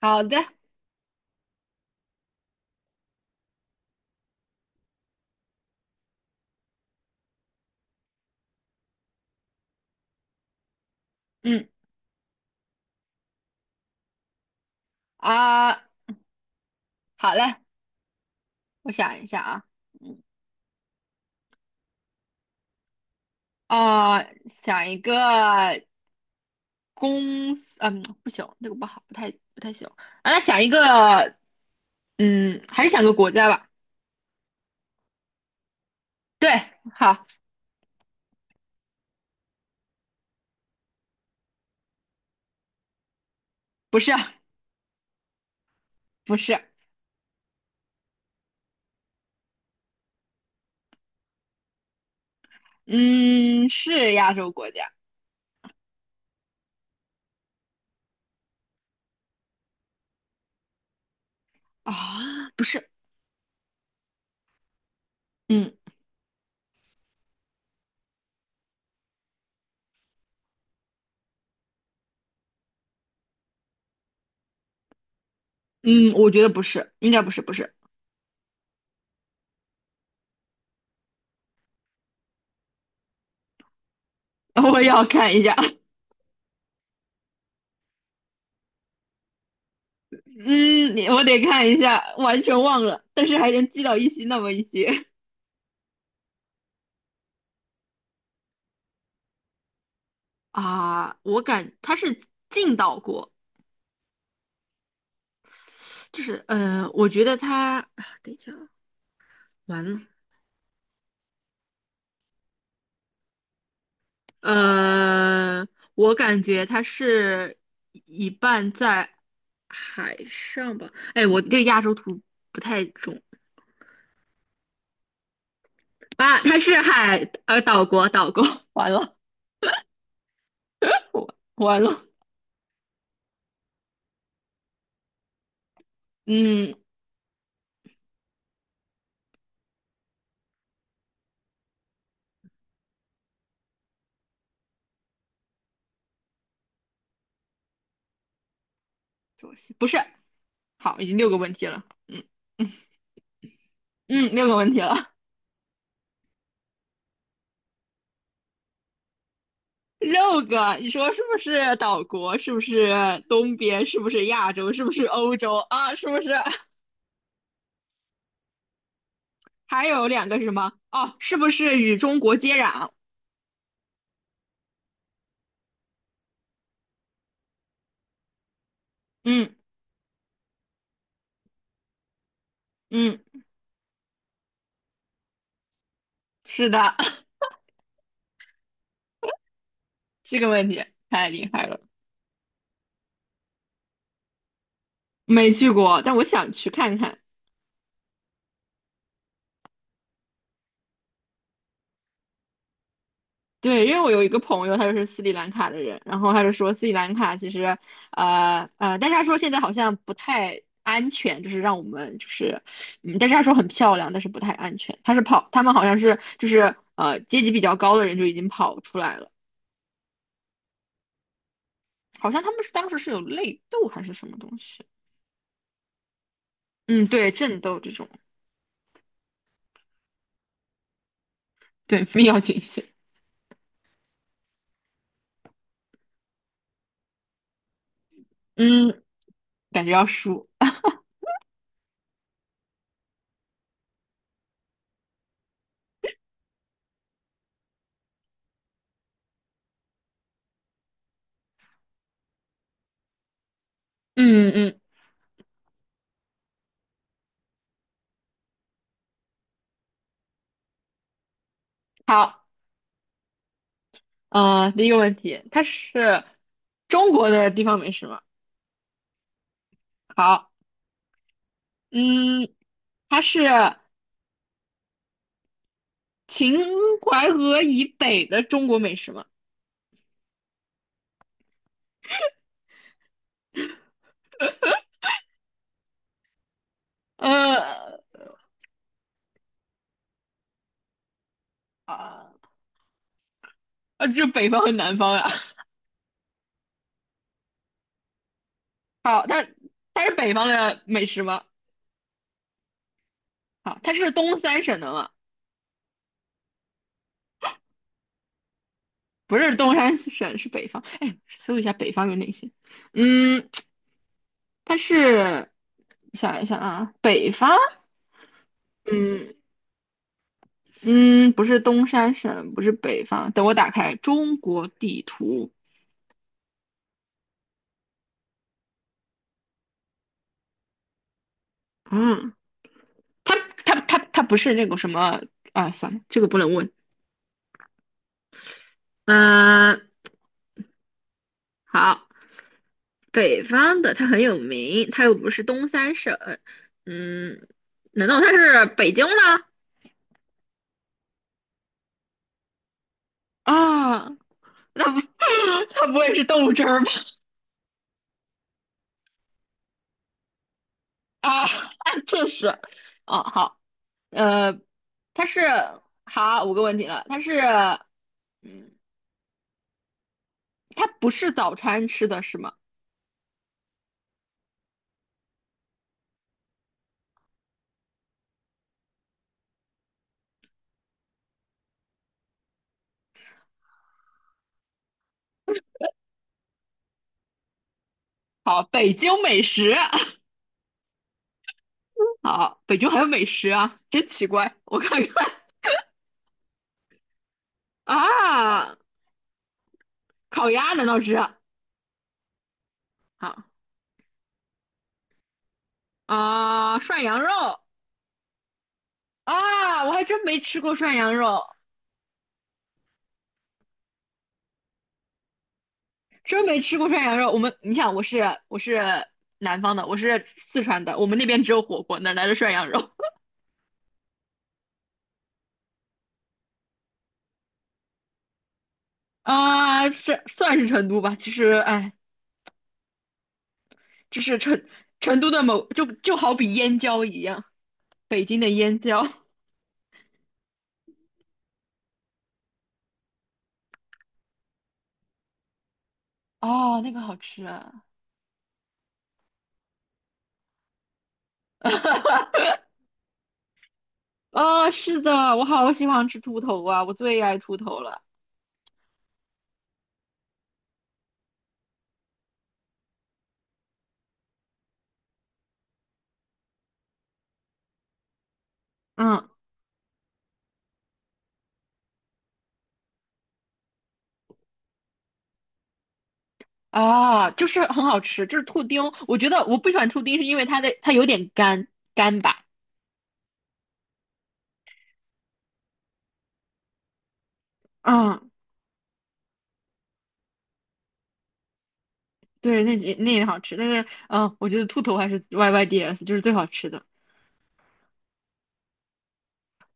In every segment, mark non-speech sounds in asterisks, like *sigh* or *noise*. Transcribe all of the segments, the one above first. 好的，嗯啊，好嘞，我想一下啊，嗯啊，想一个公司，嗯，不行，这个不好，不太行。啊，那想一个，嗯，还是想个国家吧。对，好，不是不是，嗯，是亚洲国家啊，不是，嗯嗯，我觉得不是，应该不是不是，*laughs* 我要看一下，*laughs* 嗯，我得看一下，完全忘了，但是还能记到一些那么一些。啊，我感他是进到过，就是我觉得他，等一下啊，完了，呃，我感觉他是一半在海上吧，哎，我对亚洲图不太懂啊，他是岛国岛国，*laughs* 完了，我完了，嗯，左西不是，好，已经六个问题了，嗯嗯嗯，六个问题了，六个，你说是不是岛国？是不是东边？是不是亚洲？是不是欧洲啊？是不是还有两个是什么？哦，是不是与中国接壤？嗯嗯，是的，*laughs* 这个问题太厉害了，没去过，但我想去看看。对，因为我有一个朋友，他就是斯里兰卡的人，然后他就说斯里兰卡其实，但是他说现在好像不太安全，就是让我们就是，嗯，但是他说很漂亮，但是不太安全。他是跑，他们好像是就是阶级比较高的人就已经跑出来了，好像他们是当时是有内斗还是什么东西，嗯，对，战斗这种，对，必要谨慎，嗯，感觉要输，嗯嗯，好，第一个问题，它是中国的地方美食吗？好。嗯，它是秦淮河以北的中国美食吗？呃啊这是北方和南方呀、*laughs* 它是北方的美食吗？好，它是东三省的吗？不是东三省，是北方。哎，搜一下北方有哪些？嗯，它是想一下啊，北方，嗯嗯，不是东三省，不是北方。等我打开中国地图，嗯，它它不是那个什么啊？算了，这个不能问。嗯，好，北方的它很有名，它又不是东三省，嗯，难道它是北京吗？啊，那不，*laughs* 它不会是豆汁儿吧？啊，*laughs* 这是，哦，好，呃，它是，好，五个问题了，它是，嗯，它不是早餐吃的是吗？好，北京美食，*laughs* 好，北京还有美食啊，真奇怪，我看看，*laughs* 啊，烤鸭难道是？好，啊，涮羊肉啊，我还真没吃过涮羊肉，真没吃过涮羊肉。我们，你想，我是南方的，我是四川的，我们那边只有火锅，哪来的涮羊肉 *laughs* 啊？是算是成都吧，其实哎，就是成都的某就好比燕郊一样，北京的燕郊。哦，那个好吃啊！哦是的，我好喜欢吃兔头啊，我最爱兔头了。嗯。啊，就是很好吃，就是兔丁。我觉得我不喜欢兔丁，是因为它有点干吧。嗯，对，那也好吃，但是我觉得兔头还是 YYDS 就是最好吃的。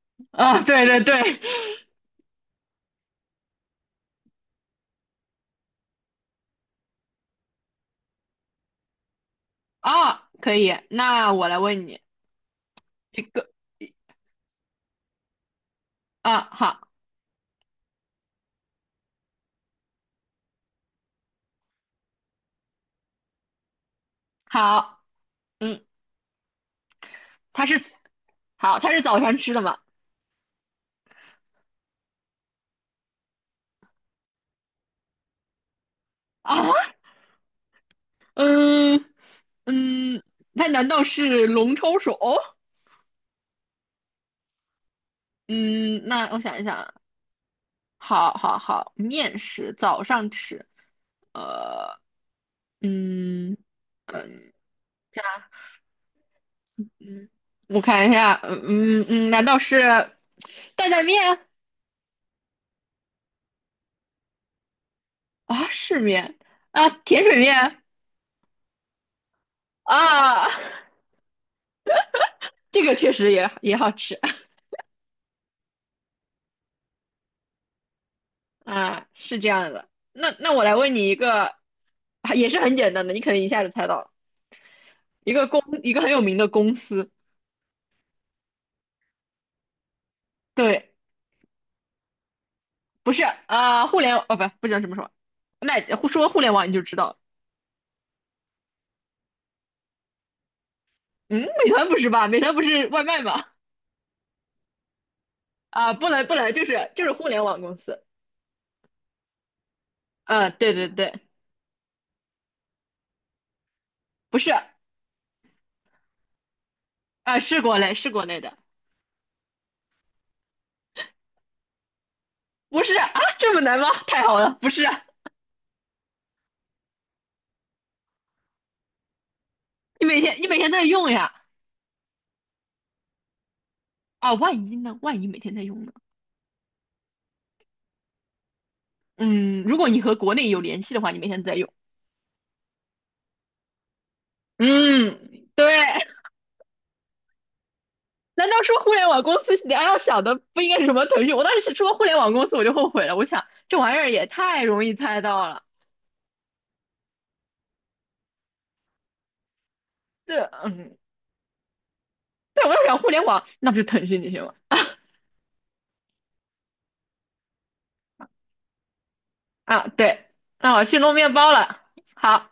*laughs* 啊，对对对，啊，可以。那我来问你一个，啊，好，好，嗯，它是好，它是早上吃的吗？啊，嗯嗯，它难道是龙抄手？嗯，那我想一想啊，好好好，面食早上吃。呃，嗯嗯，看嗯，我看一下，嗯嗯，难道是担担面啊？是面啊，甜水面啊，*laughs* 这个确实也好吃啊，是这样的。那我来问你一个，啊也是很简单的，你可能一下就猜到了，一个很有名的公司，对，不是啊，互联网哦，不知道什么说，那说互联网你就知道了嗯，美团不是吧？美团不是外卖吗？啊，不能不能，就是互联网公司。嗯，对对对，不是，啊，是国内的，不是啊，这么难吗？太好了，不是，你每天在用呀，啊，万一呢？万一每天在用呢？嗯，如果你和国内有联系的话，你每天在用。嗯，对。难道说互联网公司你要想的不应该是什么腾讯？我当时说互联网公司我就后悔了，我想这玩意儿也太容易猜到了。对，嗯，对，我要想互联网，那不是腾讯那些吗？啊，对，那我去弄面包了。好，